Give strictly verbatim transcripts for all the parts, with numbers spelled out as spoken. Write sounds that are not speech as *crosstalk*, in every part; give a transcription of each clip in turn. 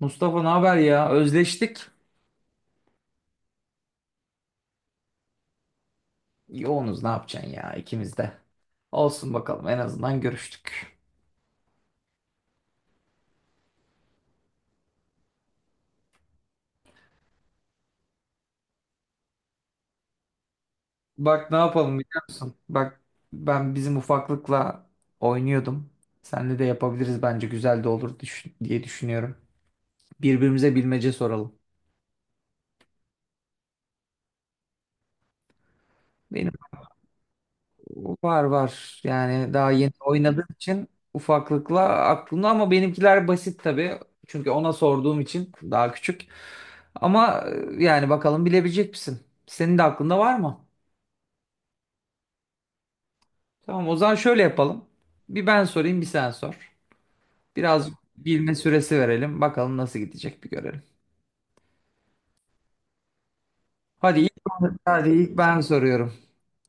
Mustafa ne haber ya? Özleştik. Yoğunuz ne yapacaksın ya ikimiz de. Olsun bakalım en azından görüştük. Bak ne yapalım biliyor musun? Bak ben bizim ufaklıkla oynuyordum. Seninle de yapabiliriz bence güzel de olur düş- diye düşünüyorum. Birbirimize bilmece soralım. Benim Var var. Yani daha yeni oynadığım için ufaklıkla aklımda ama benimkiler basit tabii. Çünkü ona sorduğum için daha küçük. Ama e, yani bakalım bilebilecek misin? Senin de aklında var mı? Tamam o zaman şöyle yapalım. Bir ben sorayım bir sen sor. Biraz bilme süresi verelim. Bakalım nasıl gidecek bir görelim. Hadi ilk, hadi ilk ben soruyorum.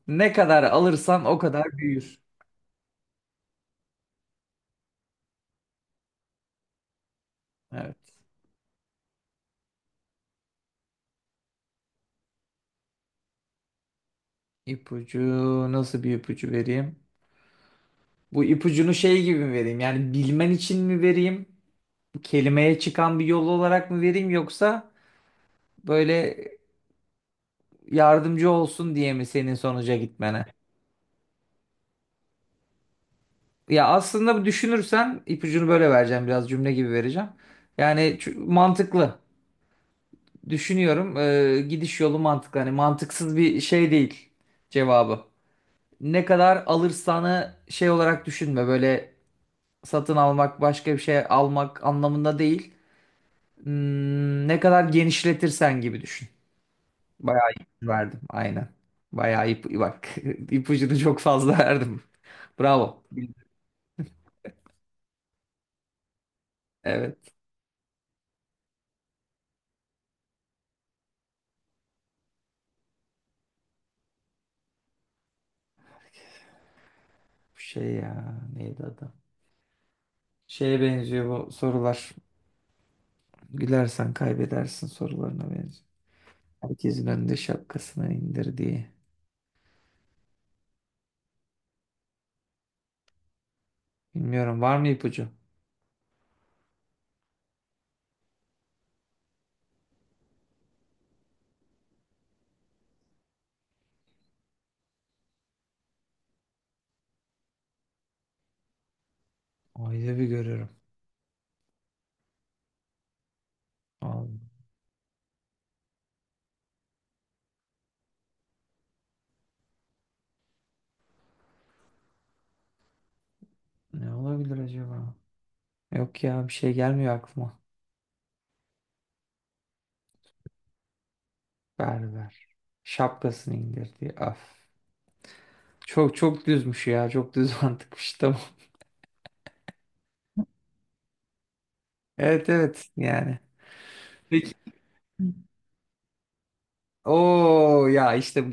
Ne kadar alırsan o kadar büyür. Evet. İpucu nasıl bir ipucu vereyim? Bu ipucunu şey gibi mi vereyim? Yani bilmen için mi vereyim? Kelimeye çıkan bir yol olarak mı vereyim yoksa böyle yardımcı olsun diye mi senin sonuca gitmene? Ya aslında düşünürsen ipucunu böyle vereceğim biraz cümle gibi vereceğim. Yani çü- mantıklı. Düşünüyorum. Ee, gidiş yolu mantıklı. Hani mantıksız bir şey değil cevabı. Ne kadar alırsanı şey olarak düşünme. Böyle satın almak başka bir şey almak anlamında değil. Hmm, ne kadar genişletirsen gibi düşün. Bayağı ipucu verdim. Aynen. Bayağı ip, bak *laughs* ipucunu çok fazla verdim. Bravo. Evet. Bu şey ya neydi adı? Şeye benziyor bu sorular. Gülersen kaybedersin sorularına benziyor. Herkesin önünde şapkasını indir diye. Bilmiyorum var mı ipucu? Ayda bir görüyorum. Allah. Ne olabilir acaba? Yok ya bir şey gelmiyor aklıma. Ver ver. Şapkasını indir diye. Af. Çok çok düzmüş ya. Çok düz *laughs* mantıkmış. Tamam. Evet evet yani. Peki. Oo ya işte bu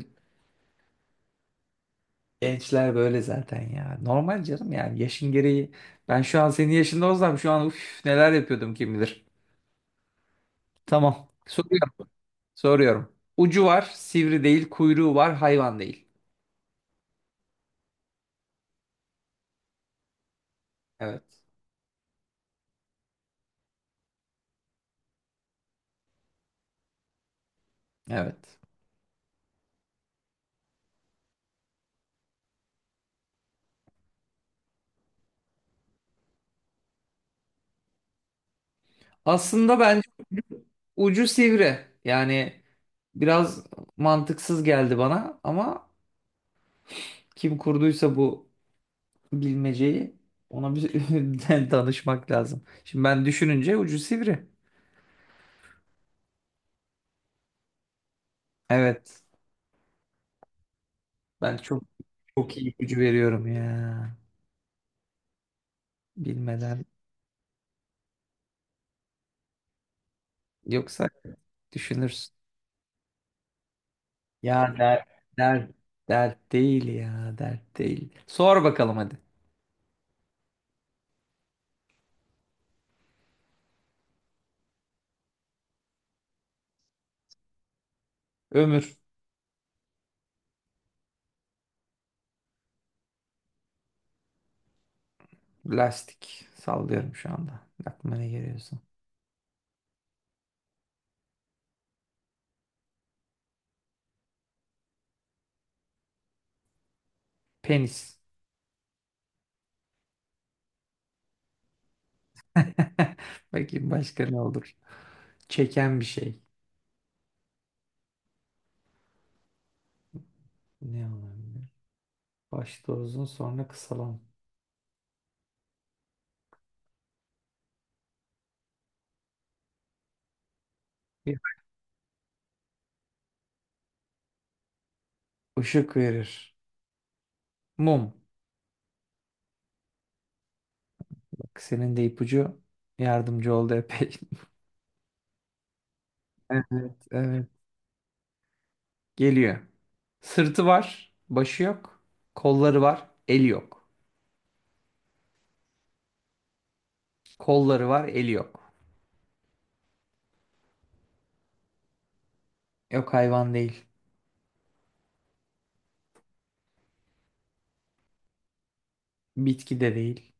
gençler böyle zaten ya. Normal canım yani yaşın gereği. Ben şu an senin yaşında olsam şu an uf, neler yapıyordum kim bilir. Tamam. Soruyorum. Soruyorum. Ucu var, sivri değil, kuyruğu var, hayvan değil. Evet. Evet. Aslında bence ucu sivri. Yani biraz mantıksız geldi bana ama kim kurduysa bu bilmeceyi ona bir *laughs* danışmak lazım. Şimdi ben düşününce ucu sivri. Evet. Ben çok çok iyi ipucu veriyorum ya. Bilmeden. Yoksa düşünürsün. Ya dert dert dert değil ya. Dert değil. Sor bakalım hadi. Ömür. Lastik. Sallıyorum şu anda. Aklıma ne geliyorsa. Penis. *laughs* Bakayım başka ne olur. Çeken bir şey. Ne olabilir? Başta uzun sonra kısalan. Işık verir. Mum. Bak senin de ipucu yardımcı oldu epey. *laughs* Evet, evet. Geliyor. Sırtı var, başı yok. Kolları var, eli yok. Kolları var, eli yok. Yok hayvan değil. Bitki de değil.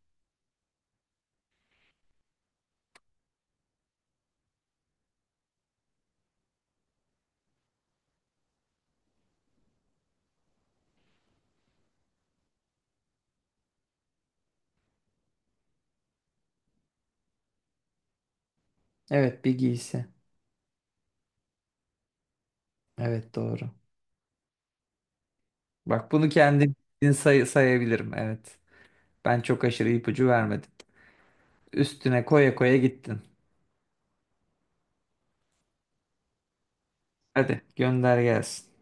Evet bir giysi. Evet doğru. Bak bunu kendim *laughs* say sayabilirim. Evet. Ben çok aşırı ipucu vermedim. Üstüne koya koya gittin. Hadi gönder gelsin.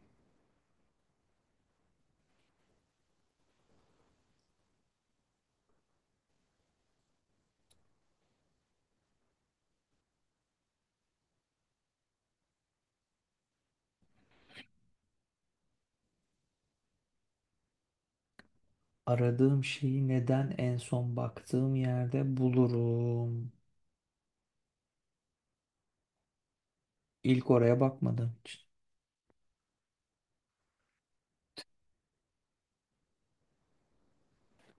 Aradığım şeyi neden en son baktığım yerde bulurum? İlk oraya bakmadığım için.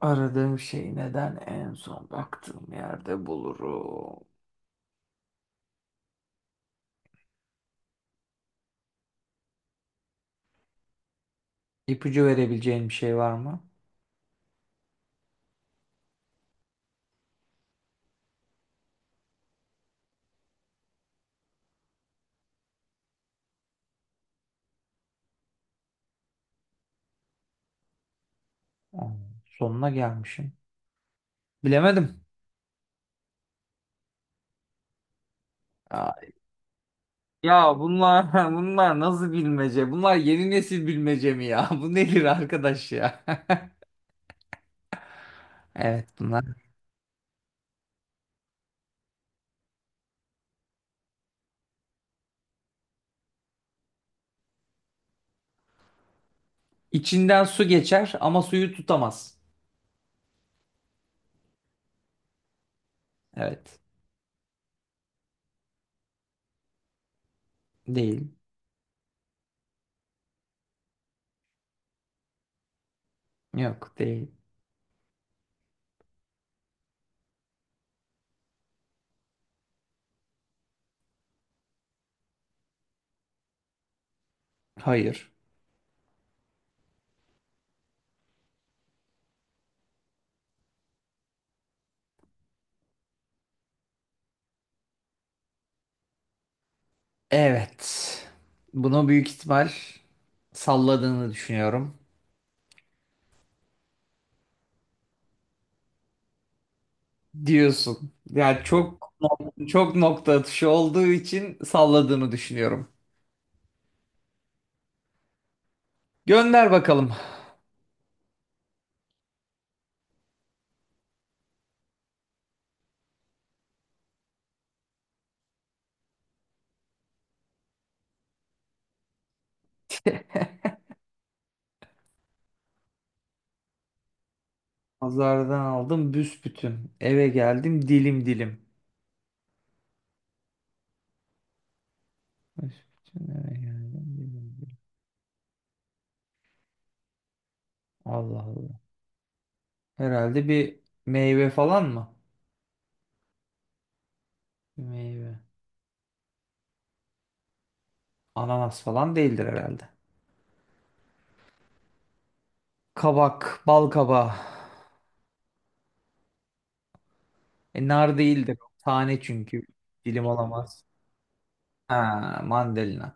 Aradığım şeyi neden en son baktığım yerde bulurum? İpucu verebileceğin bir şey var mı? Aa, sonuna gelmişim. Bilemedim. Aa, ya bunlar *laughs* bunlar nasıl bilmece? Bunlar yeni nesil bilmece mi ya? *laughs* Bu nedir arkadaş ya? *laughs* Evet bunlar. İçinden su geçer ama suyu tutamaz. Evet. Değil. Yok değil. Hayır. Evet. Bunu büyük ihtimal salladığını düşünüyorum. Diyorsun. Yani çok çok nokta atışı olduğu için salladığını düşünüyorum. Gönder bakalım. Pazardan aldım büsbütün. Eve geldim dilim dilim. Büsbütün eve geldim dilim dilim. Allah Allah. Herhalde bir meyve falan mı? Bir meyve. Ananas falan değildir herhalde. Kabak, bal kabağı. E, nar değildir. Tane çünkü. Dilim olamaz. Ha, mandalina.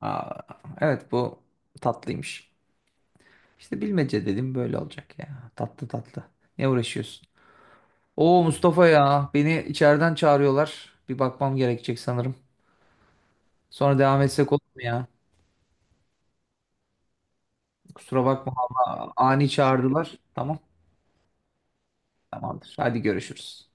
Aa, evet bu tatlıymış. İşte bilmece dedim böyle olacak ya. Tatlı tatlı. Ne uğraşıyorsun? Oo Mustafa ya beni içeriden çağırıyorlar. Bir bakmam gerekecek sanırım. Sonra devam etsek olur mu ya? Kusura bakma ama ani çağırdılar. Tamam tamamdır. Hadi görüşürüz.